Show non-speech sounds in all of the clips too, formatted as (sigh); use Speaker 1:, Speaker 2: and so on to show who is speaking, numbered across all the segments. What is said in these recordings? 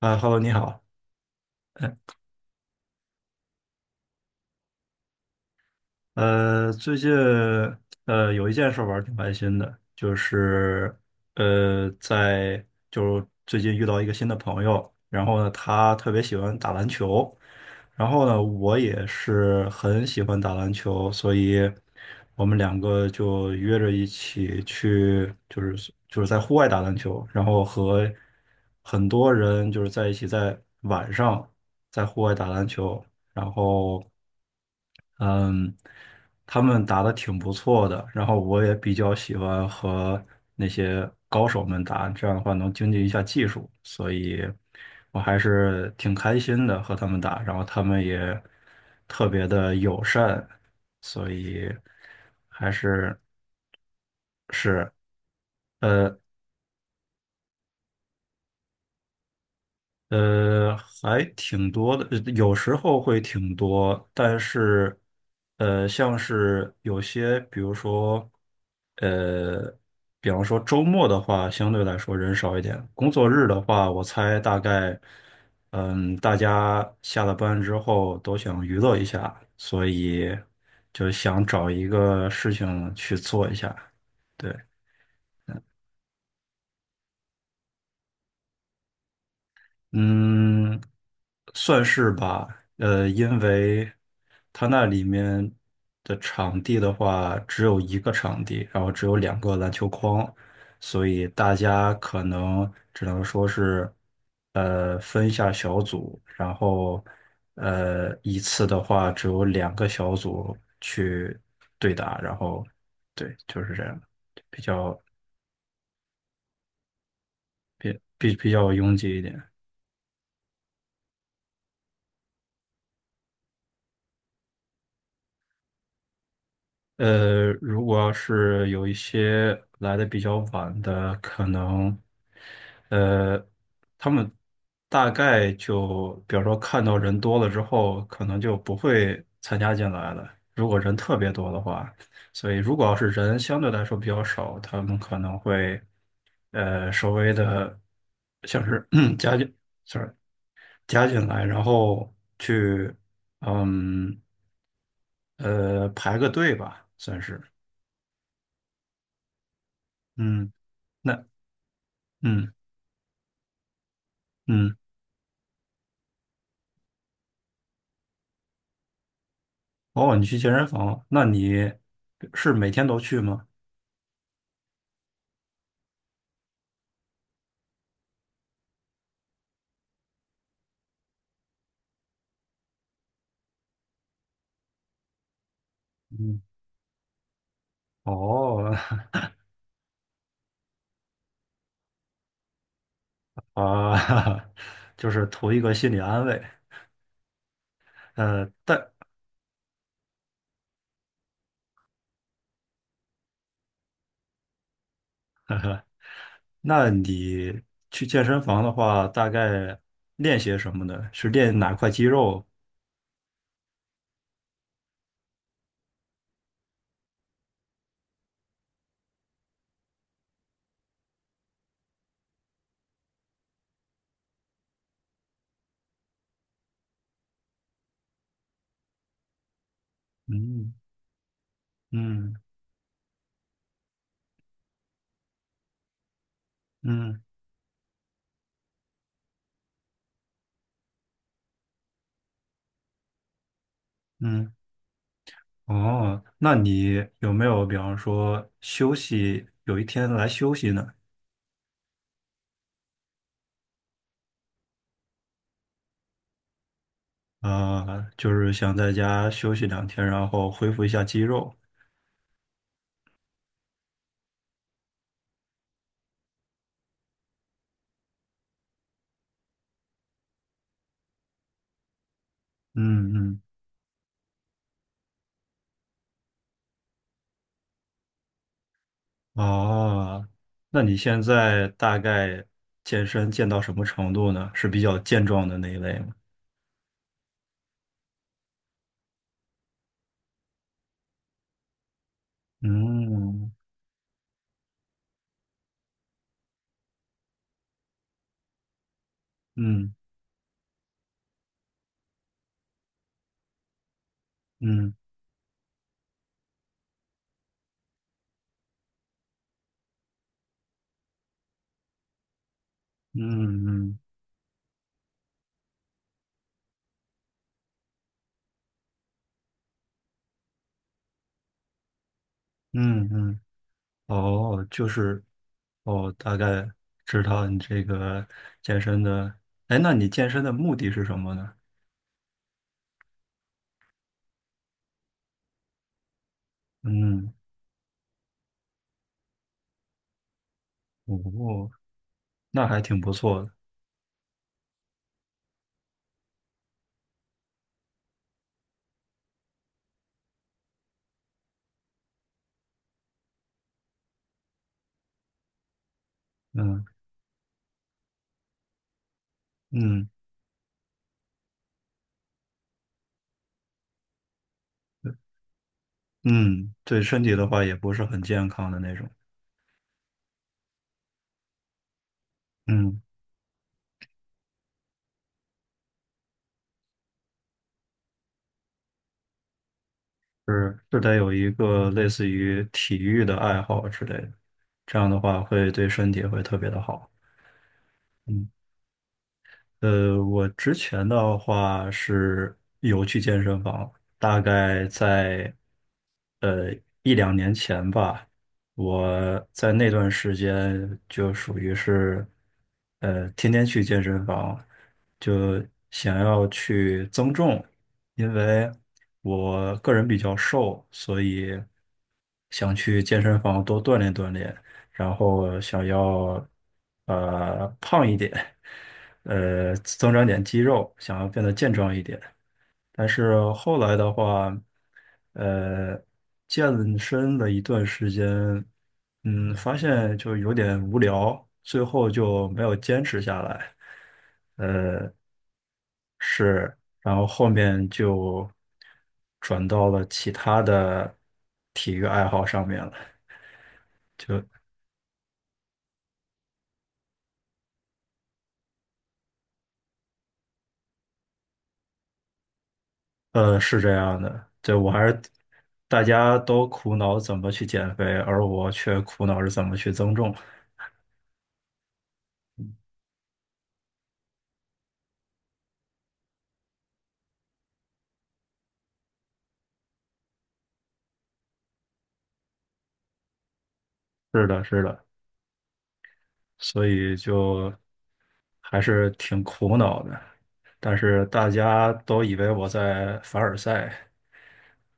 Speaker 1: 啊，Hello，你好。最近有一件事儿玩儿挺开心的，就是呃在就是最近遇到一个新的朋友，然后呢他特别喜欢打篮球，然后呢我也是很喜欢打篮球，所以我们两个就约着一起去，就是在户外打篮球，然后和很多人就是在一起在晚上在户外打篮球。然后嗯，他们打的挺不错的，然后我也比较喜欢和那些高手们打，这样的话能经济一下技术，所以我还是挺开心的和他们打，然后他们也特别的友善，所以还是是。呃。呃，还挺多的，有时候会挺多，但是，呃，像是有些，比如说，呃，比方说周末的话，相对来说人少一点。工作日的话，我猜大概，嗯，大家下了班之后都想娱乐一下，所以就想找一个事情去做一下。对。嗯，算是吧。因为它那里面的场地的话，只有一个场地，然后只有两个篮球框，所以大家可能只能说是，分一下小组，然后，一次的话只有两个小组去对打，然后，对，就是这样，比较比较拥挤一点。如果要是有一些来的比较晚的，可能，呃，他们大概就，比如说看到人多了之后，可能就不会参加进来了。如果人特别多的话，所以如果要是人相对来说比较少，他们可能会，稍微的，像是 (clears throat) 加进，sorry，加进来，然后去，嗯，排个队吧，算是，嗯。那嗯嗯，哦，你去健身房那你是每天都去吗？嗯，哦 (laughs) 啊，(laughs) 就是图一个心理安慰。呃，但那你去健身房的话，大概练些什么呢？是练哪块肌肉？嗯嗯嗯嗯，哦，那你有没有比方说休息，有一天来休息呢？啊、就是想在家休息两天，然后恢复一下肌肉。嗯嗯，哦，那你现在大概健身健到什么程度呢？是比较健壮的那一类吗？嗯嗯嗯嗯嗯嗯嗯，哦，哦，大概知道你这个健身的，哎，那你健身的目的是什么呢？嗯，哦，那还挺不错的，嗯嗯嗯，对身体的话也不是很健康的那种，嗯。是是得有一个类似于体育的爱好之类的，这样的话会对身体会特别的好。嗯，我之前的话是有去健身房，大概在一两年前吧，我在那段时间就属于是，天天去健身房，就想要去增重，因为我个人比较瘦，所以想去健身房多锻炼锻炼，然后想要胖一点，增长点肌肉，想要变得健壮一点。但是后来的话，呃，健身了一段时间，嗯，发现就有点无聊，最后就没有坚持下来。是，然后后面就转到了其他的体育爱好上面了。是这样的，对，我还是大家都苦恼怎么去减肥，而我却苦恼着怎么去增重。是的，是的，所以就还是挺苦恼的。但是大家都以为我在凡尔赛，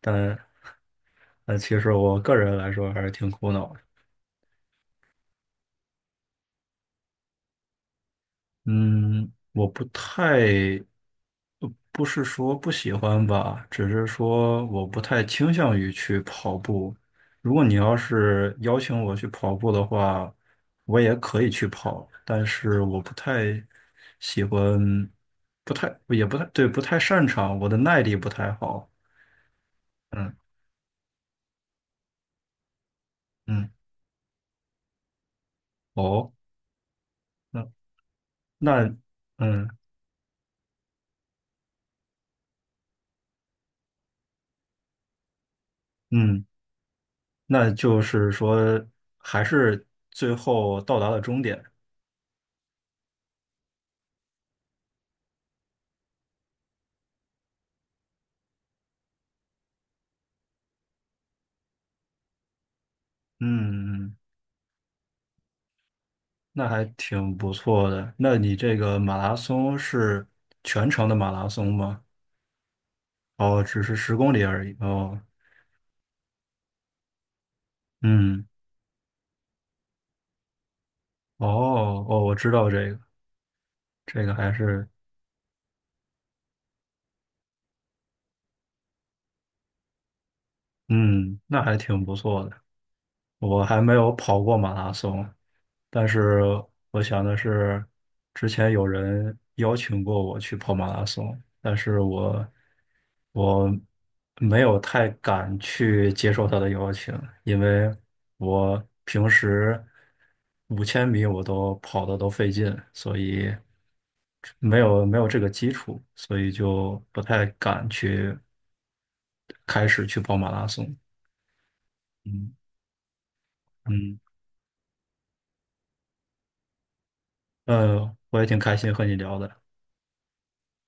Speaker 1: 但但其实我个人来说还是挺苦恼的。嗯，我不太，不是说不喜欢吧，只是说我不太倾向于去跑步。如果你要是邀请我去跑步的话，我也可以去跑，但是我不太喜欢，不太，也不太，对，不太擅长，我的耐力不太好。嗯嗯，哦。那嗯嗯，那就是说，还是最后到达了终点。嗯，那还挺不错的。那你这个马拉松是全程的马拉松吗？哦，只是10公里而已。哦，嗯，哦哦，我知道这个，这个还是嗯，那还挺不错的。我还没有跑过马拉松，但是我想的是，之前有人邀请过我去跑马拉松，但是我没有太敢去接受他的邀请，因为我平时5000米我都跑的都费劲，所以没有这个基础，所以就不太敢去开始去跑马拉松。嗯。嗯。我也挺开心和你聊的。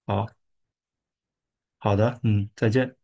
Speaker 1: 好，好的，嗯，再见。